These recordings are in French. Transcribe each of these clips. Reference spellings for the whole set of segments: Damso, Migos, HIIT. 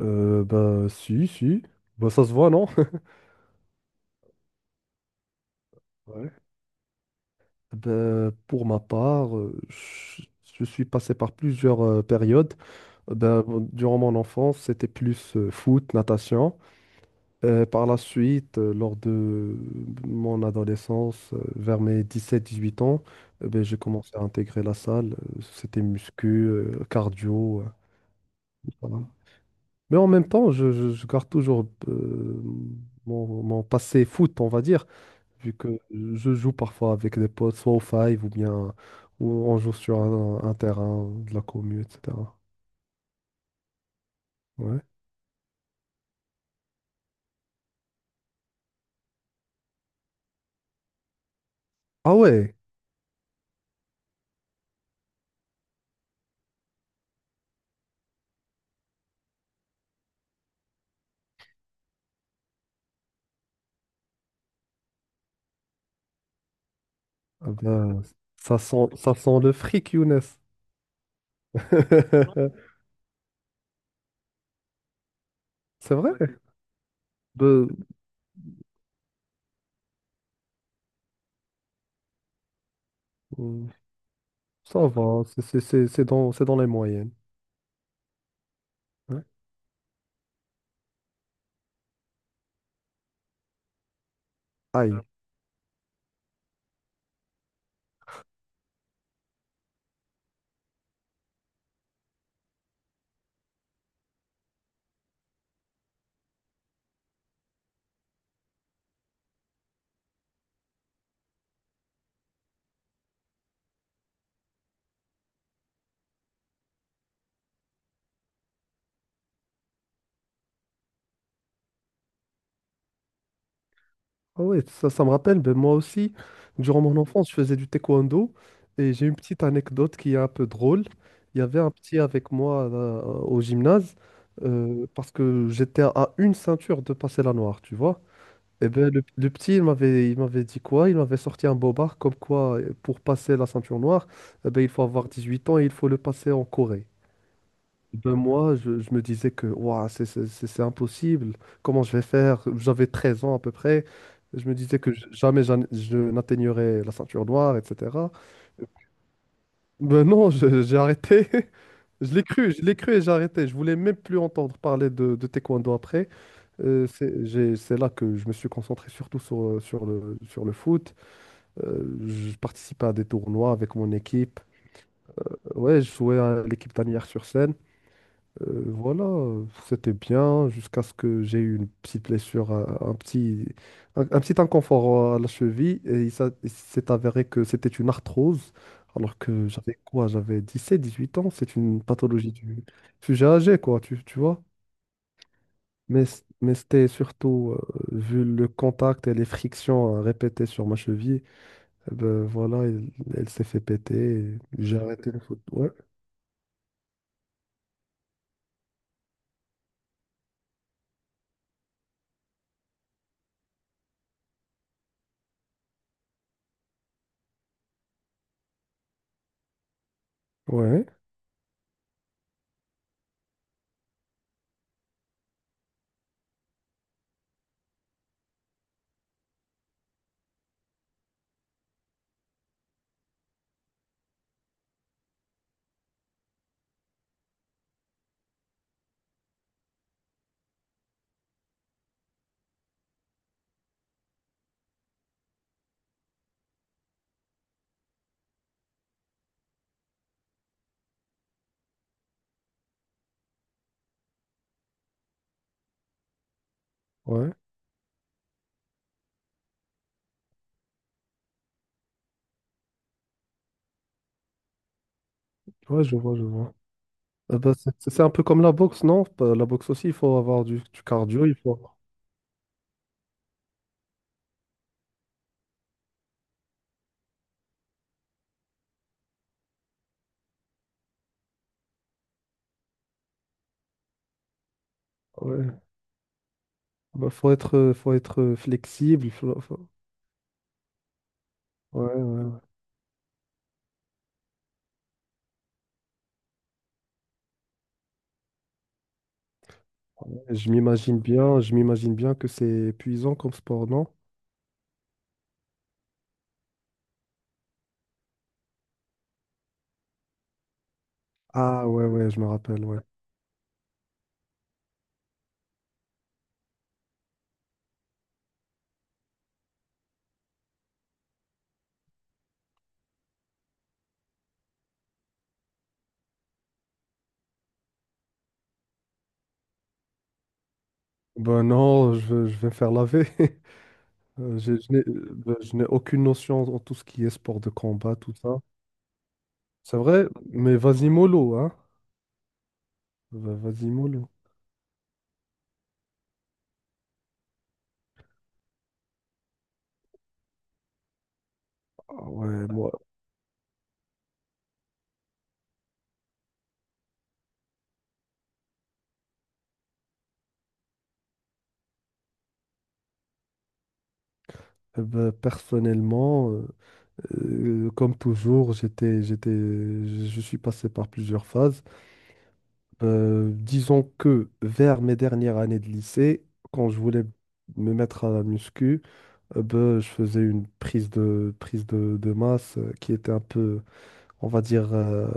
Bah, si, si. Bah, ça se voit, non? Ouais. Ben, pour ma part, je suis passé par plusieurs périodes. Ben, bon, durant mon enfance, c'était plus foot, natation. Par la suite, lors de mon adolescence, vers mes 17, 18 ans, ben, j'ai commencé à intégrer la salle. C'était muscu, cardio. Voilà. Mais en même temps, je garde toujours mon passé foot, on va dire. Vu que je joue parfois avec des potes, soit au Five ou bien ou on joue sur un terrain de la commu, etc. Ouais. Ah ouais. Ah ben, ça sent le fric, Younes. C'est vrai? Ben, euh, ça va, c'est dans les moyennes. Ouais. Aïe. Ah ouais, ça me rappelle, ben moi aussi, durant mon enfance, je faisais du taekwondo et j'ai une petite anecdote qui est un peu drôle. Il y avait un petit avec moi au gymnase parce que j'étais à une ceinture de passer la noire, tu vois. Et ben le petit, il m'avait dit quoi? Il m'avait sorti un bobard comme quoi pour passer la ceinture noire, eh ben, il faut avoir 18 ans et il faut le passer en Corée. Ben moi, je me disais que ouah, c'est impossible, comment je vais faire? J'avais 13 ans à peu près, je me disais que jamais je n'atteignerais la ceinture noire, etc. Ben non, j'ai arrêté, je l'ai cru et j'ai arrêté. Je voulais même plus entendre parler de taekwondo après. C'est là que je me suis concentré surtout sur le foot. Je participais à des tournois avec mon équipe. Ouais, je jouais à l'équipe d'Anières-sur-Seine. Voilà, c'était bien jusqu'à ce que j'ai eu une petite blessure, un petit inconfort à la cheville et il s'est avéré que c'était une arthrose alors que j'avais quoi? J'avais 17, 18 ans, c'est une pathologie du sujet âgé quoi, tu vois. Mais, mais c'était surtout, vu le contact et les frictions répétées sur ma cheville, eh ben voilà, elle s'est fait péter et j'ai arrêté le foot. Ouais, ouais, ouais, ouais, je vois, je vois. Ah bah, c'est un peu comme la boxe, non? Bah, la boxe aussi, il faut avoir du cardio, il faut, ouais. Bah, faut être flexible. Ouais, ouais, ouais. Je m'imagine bien que c'est épuisant comme sport, non? Ah ouais, ouais, je me rappelle, ouais. Ben non, je vais me faire laver. Je n'ai aucune notion en tout ce qui est sport de combat, tout ça. C'est vrai, mais vas-y mollo, hein? Vas-y mollo. Ah ouais, moi, ben, personnellement. Comme toujours, je suis passé par plusieurs phases. Disons que vers mes dernières années de lycée, quand je voulais me mettre à la muscu, ben, je faisais une prise de masse qui était un peu, on va dire,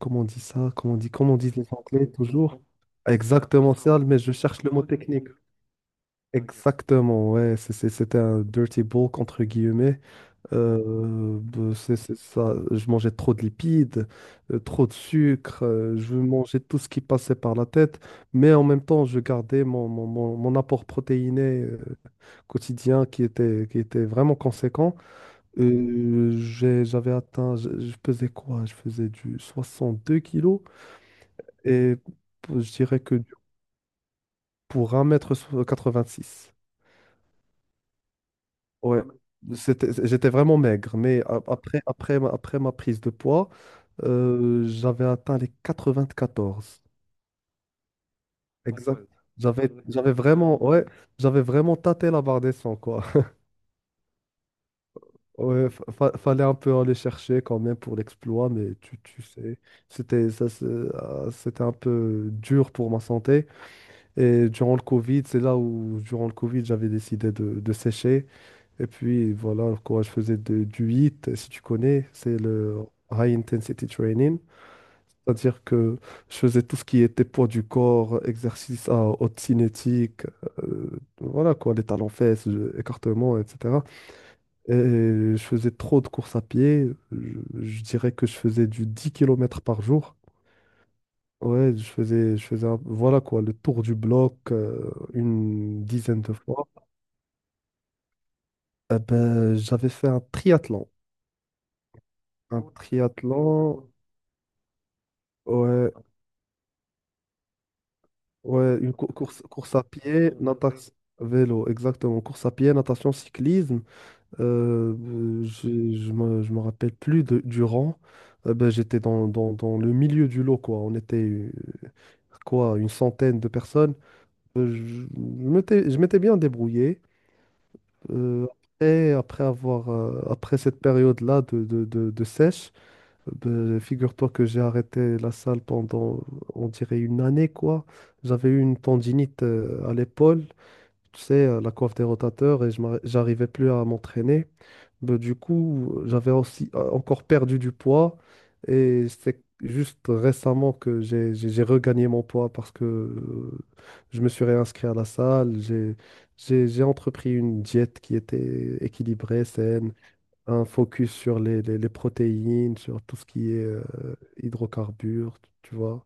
comment on dit ça? Comment on dit les Anglais toujours? Exactement ça, mais je cherche le mot technique. Exactement, ouais, c'était un dirty bulk entre guillemets. C'est ça, je mangeais trop de lipides, trop de sucre, je mangeais tout ce qui passait par la tête, mais en même temps, je gardais mon apport protéiné quotidien qui était vraiment conséquent. J'avais atteint, je pesais quoi? Je faisais du 62 kilos et je dirais pour 1,86 m. Ouais, c'était, j'étais vraiment maigre, mais après ma prise de poids, j'avais atteint les 94. Ah, exact. Ouais, J'avais, ouais. j'avais vraiment, ouais, j'avais vraiment tâté la barre des 100 quoi. Ouais, fallait un peu aller chercher quand même pour l'exploit, mais tu sais, c'était ça, ah, c'était un peu dur pour ma santé. Et durant le Covid, c'est là où, durant le Covid, j'avais décidé de sécher. Et puis, voilà, quoi, je faisais du HIIT, si tu connais, c'est le High Intensity Training. C'est-à-dire que je faisais tout ce qui était poids du corps, exercice à haute cinétique, euh, voilà quoi, les talons fesses, écartement, etc. Et je faisais trop de courses à pied. Je dirais que je faisais du 10 kilomètres par jour. Ouais, je faisais voilà quoi, le tour du bloc une dizaine de fois. Eh ben, j'avais fait un triathlon. Un triathlon, ouais, ouais, une course à pied, natation, vélo, exactement. Course à pied, natation, cyclisme. Je me rappelle plus du rang. Ben, j'étais dans le milieu du lot, quoi. On était quoi, une centaine de personnes. Euh, je je m'étais bien débrouillé. Euh, après cette période-là de sèche, ben, figure-toi que j'ai arrêté la salle pendant, on dirait, une année, quoi. J'avais eu une tendinite à l'épaule, tu sais, la coiffe des rotateurs, et j'arrivais plus à m'entraîner. Ben, du coup, j'avais aussi encore perdu du poids, et c'est juste récemment que j'ai regagné mon poids parce que je me suis réinscrit à la salle, j'ai entrepris une diète qui était équilibrée, saine un focus sur les protéines, sur tout ce qui est hydrocarbures, tu vois.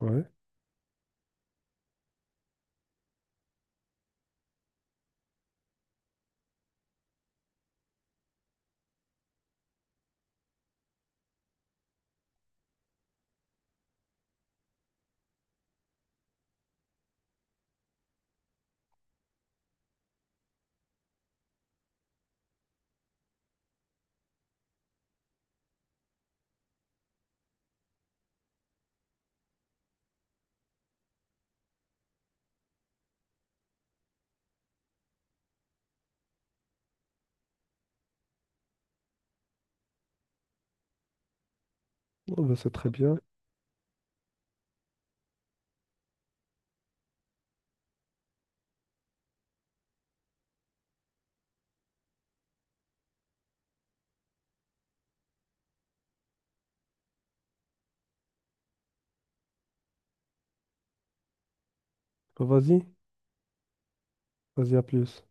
Ouais. Oh, bah, c'est très bien. Vas-y, vas-y, à plus.